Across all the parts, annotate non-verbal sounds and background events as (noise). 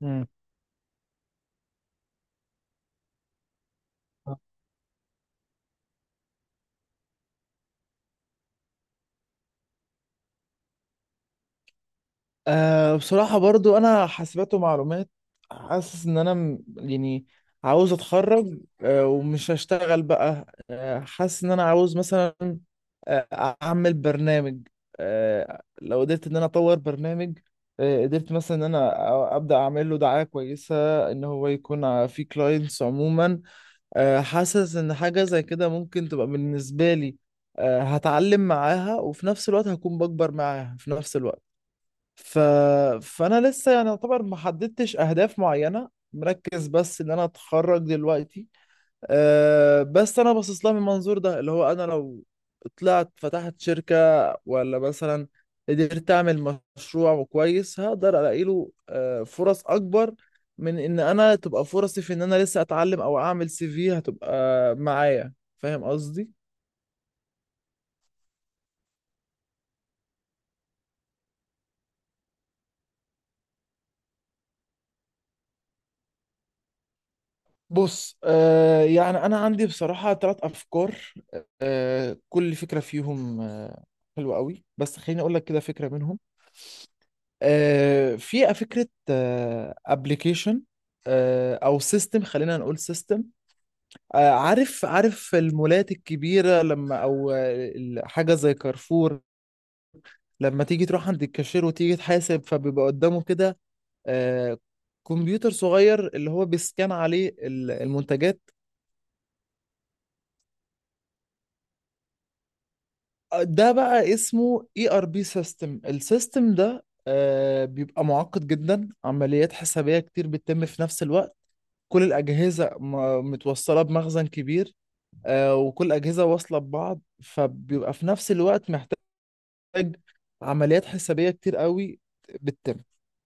مم. بصراحة برضو أنا حاسبات ومعلومات. حاسس إن أنا يعني عاوز أتخرج، ومش هشتغل بقى. حاسس إن أنا عاوز مثلا آه، أعمل برنامج. لو قدرت إن أنا أطور برنامج، قدرت مثلا إن أبدأ أعمل له دعاية كويسة، إن هو يكون فيه كلاينتس عموما. حاسس إن حاجة زي كده ممكن تبقى بالنسبة لي هتعلم معاها، وفي نفس الوقت هكون بكبر معاها في نفس الوقت. ف... فانا لسه يعني يعتبر ما حددتش اهداف معينه، مركز بس ان انا اتخرج دلوقتي. بس انا باصص لها من المنظور ده، اللي هو انا لو طلعت فتحت شركه، ولا مثلا قدرت اعمل مشروع كويس، هقدر الاقي له فرص اكبر من ان انا تبقى فرصي في ان انا لسه اتعلم او اعمل سي في هتبقى معايا. فاهم قصدي؟ بص، يعني أنا عندي بصراحة ثلاث أفكار، كل فكرة فيهم حلوة قوي، بس خليني أقول لك كده فكرة منهم. في فكرة أبلكيشن، أبليكيشن أو سيستم، خلينا نقول سيستم. عارف المولات الكبيرة، لما حاجة زي كارفور، لما تيجي تروح عند الكاشير وتيجي تحاسب، فبيبقى قدامه كده آه كمبيوتر صغير اللي هو بيسكان عليه المنتجات. ده بقى اسمه اي ار بي سيستم. السيستم ده بيبقى معقد جدا، عمليات حسابية كتير بتتم في نفس الوقت. كل الأجهزة متوصلة بمخزن كبير، وكل أجهزة واصلة ببعض، فبيبقى في نفس الوقت محتاج عمليات حسابية كتير قوي بتتم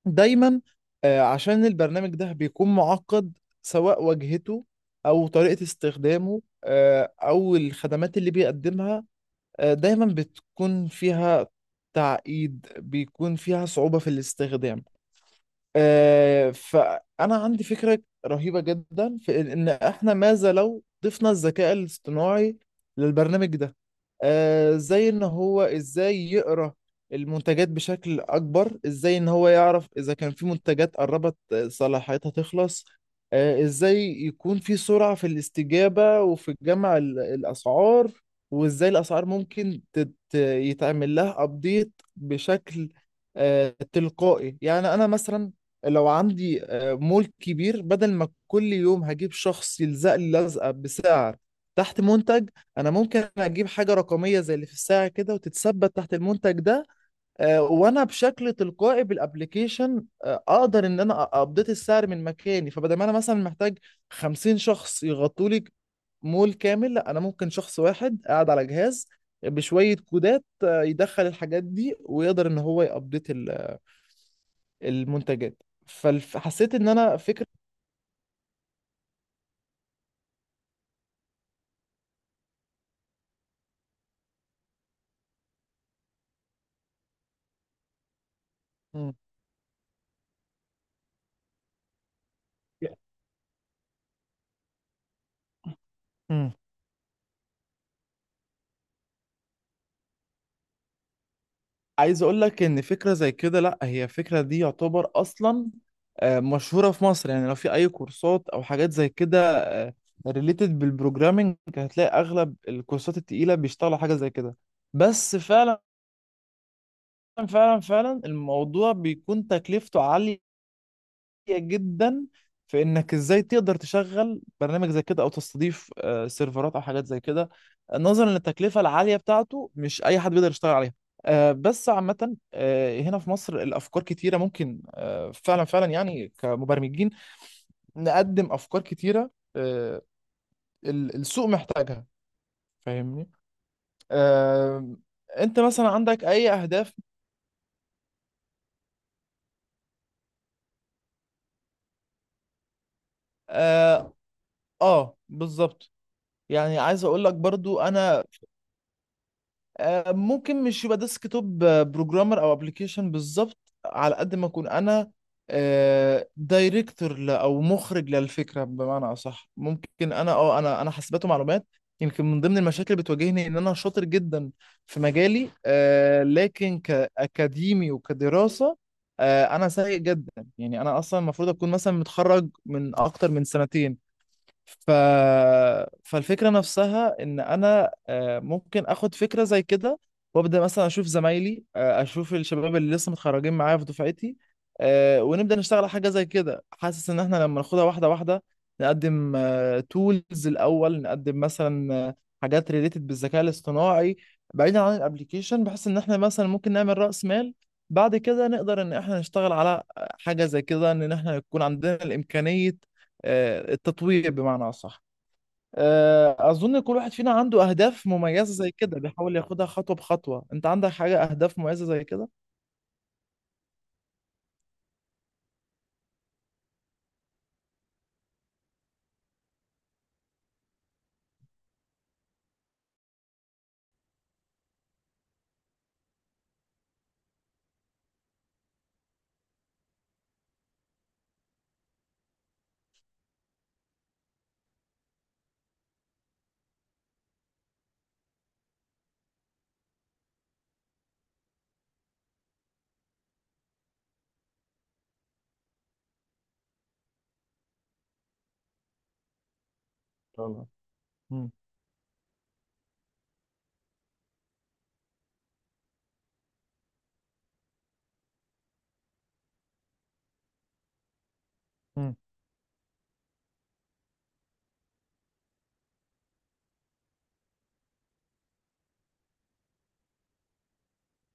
دايما. عشان البرنامج ده بيكون معقد، سواء واجهته أو طريقة استخدامه، أو الخدمات اللي بيقدمها، دايما بتكون فيها تعقيد، بيكون فيها صعوبة في الاستخدام. فأنا عندي فكرة رهيبة جدا في إن إحنا ماذا لو ضفنا الذكاء الاصطناعي للبرنامج ده، زي إن هو إزاي يقرأ المنتجات بشكل أكبر، إزاي إن هو يعرف إذا كان في منتجات قربت صلاحيتها تخلص، إزاي يكون في سرعة في الاستجابة وفي جمع الأسعار، وإزاي الأسعار ممكن يتعمل لها أبديت بشكل تلقائي. يعني انا مثلا لو عندي مول كبير، بدل ما كل يوم هجيب شخص يلزق لي لزقة بسعر تحت منتج، انا ممكن اجيب حاجة رقمية زي اللي في الساعة كده وتتثبت تحت المنتج ده، وانا بشكل تلقائي بالابليكيشن اقدر ان انا ابديت السعر من مكاني. فبدل ما انا مثلا محتاج 50 شخص يغطوا لي مول كامل، لا، انا ممكن شخص واحد قاعد على جهاز بشوية كودات يدخل الحاجات دي ويقدر ان هو يابديت المنتجات. فحسيت ان انا فكرة. مم. مم. عايز اقول لك ان فكره زي كده، لا، هي فكره دي يعتبر اصلا مشهوره في مصر. يعني لو في اي كورسات او حاجات زي كده ريليتد بالبروجرامينج، هتلاقي اغلب الكورسات التقيله بيشتغلوا حاجه زي كده. بس فعلا الموضوع بيكون تكلفته عاليه جدا، في انك ازاي تقدر تشغل برنامج زي كده او تستضيف سيرفرات او حاجات زي كده. نظرا للتكلفه العاليه بتاعته مش اي حد بيقدر يشتغل عليها. بس عامه هنا في مصر الافكار كتيره، ممكن فعلا يعني كمبرمجين نقدم افكار كتيره آه، السوق محتاجها. فاهمني؟ آه، انت مثلا عندك اي اهداف؟ اه. بالظبط. يعني عايز اقول لك برضو انا ممكن مش يبقى ديسك توب بروجرامر او ابلكيشن بالظبط، على قد ما اكون انا دايركتور او مخرج للفكره بمعنى اصح. ممكن انا اه انا انا حاسبات ومعلومات، يمكن من ضمن المشاكل اللي بتواجهني ان انا شاطر جدا في مجالي لكن كاكاديمي وكدراسه انا سيء جدا. يعني انا اصلا المفروض اكون مثلا متخرج من اكتر من سنتين. ف... فالفكرة نفسها إن أنا ممكن آخد فكرة زي كده وأبدأ مثلا أشوف زمايلي أشوف الشباب اللي لسه متخرجين معايا في دفعتي، ونبدأ نشتغل على حاجة زي كده. حاسس إن إحنا لما ناخدها واحدة واحدة، نقدم تولز الأول، نقدم مثلا حاجات ريليتد بالذكاء الاصطناعي بعيدا عن الابليكيشن، بحيث إن إحنا مثلا ممكن نعمل رأس مال، بعد كده نقدر إن إحنا نشتغل على حاجة زي كده، إن إحنا يكون عندنا الإمكانية التطوير بمعنى أصح. أظن كل واحد فينا عنده أهداف مميزة زي كده، بيحاول ياخدها خطوة بخطوة. أنت عندك حاجة أهداف مميزة زي كده؟ ان شاء الله. مم. مم.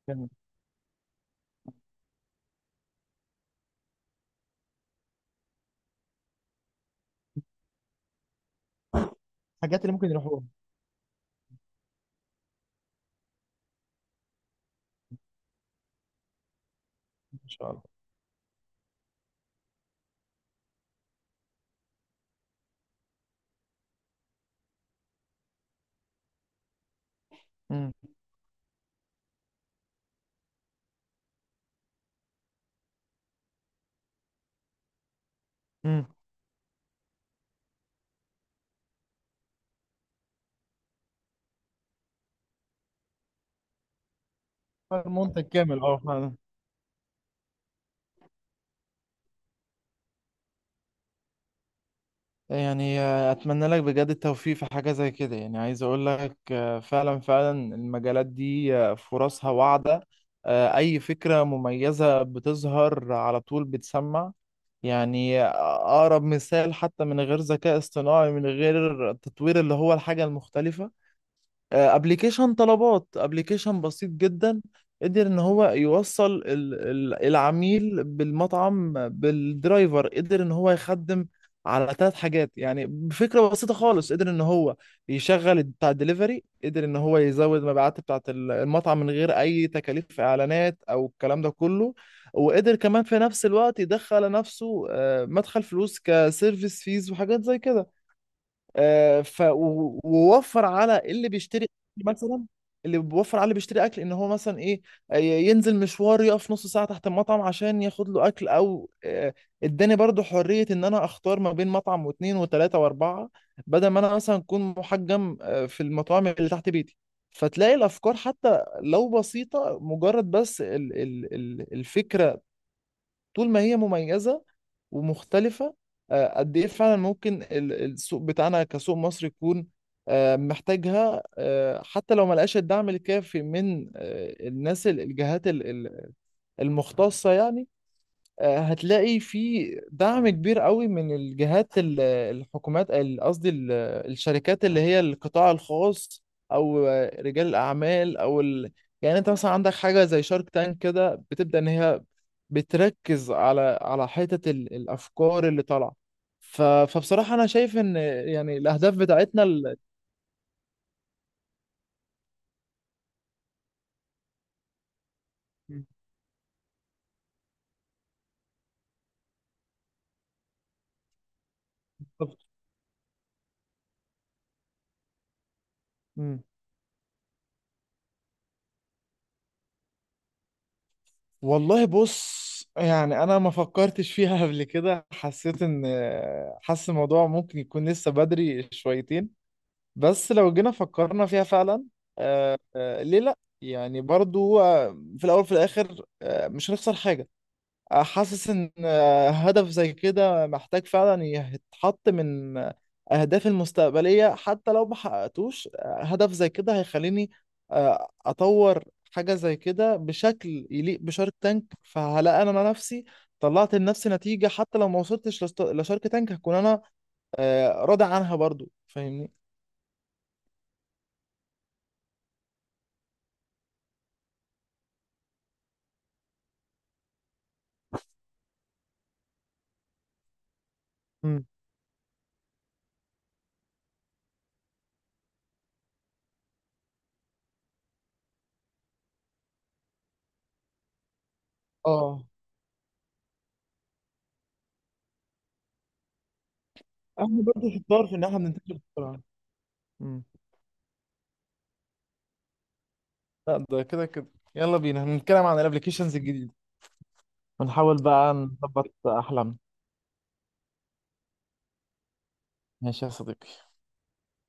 يعني الحاجات اللي ممكن يروحوها. إن شاء الله. مم. مم. المنتج كامل، أه، فعلا. يعني اتمنى لك بجد التوفيق في حاجه زي كده. يعني عايز اقول لك فعلا المجالات دي فرصها واعده. اي فكره مميزه بتظهر على طول بتسمع. يعني أقرب مثال، حتى من غير ذكاء اصطناعي، من غير التطوير اللي هو الحاجة المختلفة، ابلكيشن طلبات، ابلكيشن بسيط جدا. قدر ان هو يوصل العميل بالمطعم بالدرايفر، قدر ان هو يخدم على ثلاث حاجات. يعني بفكرة بسيطة خالص، قدر ان هو يشغل بتاع الدليفري، قدر ان هو يزود مبيعات بتاعة المطعم من غير اي تكاليف اعلانات او الكلام ده كله، وقدر كمان في نفس الوقت يدخل لنفسه مدخل فلوس كسيرفيس فيز وحاجات زي كده. آه، ف و- ووفر على اللي بيشتري أكل مثلا. اللي بيوفر على اللي بيشتري اكل ان هو مثلا ايه، ينزل مشوار يقف نص ساعه تحت المطعم عشان ياخد له اكل. او اداني برضو حريه ان انا اختار ما بين مطعم واثنين وثلاثه واربعه، بدل ما انا مثلا اكون محجم في المطاعم اللي تحت بيتي. فتلاقي الافكار حتى لو بسيطه، مجرد بس ال ال ال الفكره طول ما هي مميزة ومختلفة، قد إيه فعلا ممكن السوق بتاعنا كسوق مصري يكون محتاجها. حتى لو ما لقاش الدعم الكافي من الناس الجهات المختصة يعني، هتلاقي في دعم كبير قوي من الجهات الحكومات قصدي الشركات اللي هي القطاع الخاص، او رجال الاعمال يعني انت مثلا عندك حاجه زي شارك تانك كده، بتبدا ان هي بتركز على حته الافكار اللي طالعه. فبصراحه انا شايف ان يعني الاهداف بتاعتنا مم. والله بص، يعني انا ما فكرتش فيها (laughs) قبل كده. حسيت ان، حاسس الموضوع ممكن يكون لسه بدري شويتين، بس لو جينا فكرنا فيها فعلا، ليه لا؟ يعني برضو هو في الاول وفي الاخر مش هنخسر حاجة. حاسس ان هدف زي كده محتاج فعلا يتحط من اهدافي المستقبليه. حتى لو ما حققتوش هدف زي كده هيخليني اطور حاجه زي كده بشكل يليق بشارك تانك، فهلاقي انا نفسي طلعت لنفسي نتيجه. حتى لو ما وصلتش لشارك تانك، هكون انا راضي عنها برضو. فاهمني؟ مم. اه، احنا برضو شطار في ان احنا بننتشر بسرعه. مم. لا، ده كده. يلا بينا هنتكلم عن الابلكيشنز الجديده، ونحاول بقى نظبط أحلامنا. ماشي يا صديقي.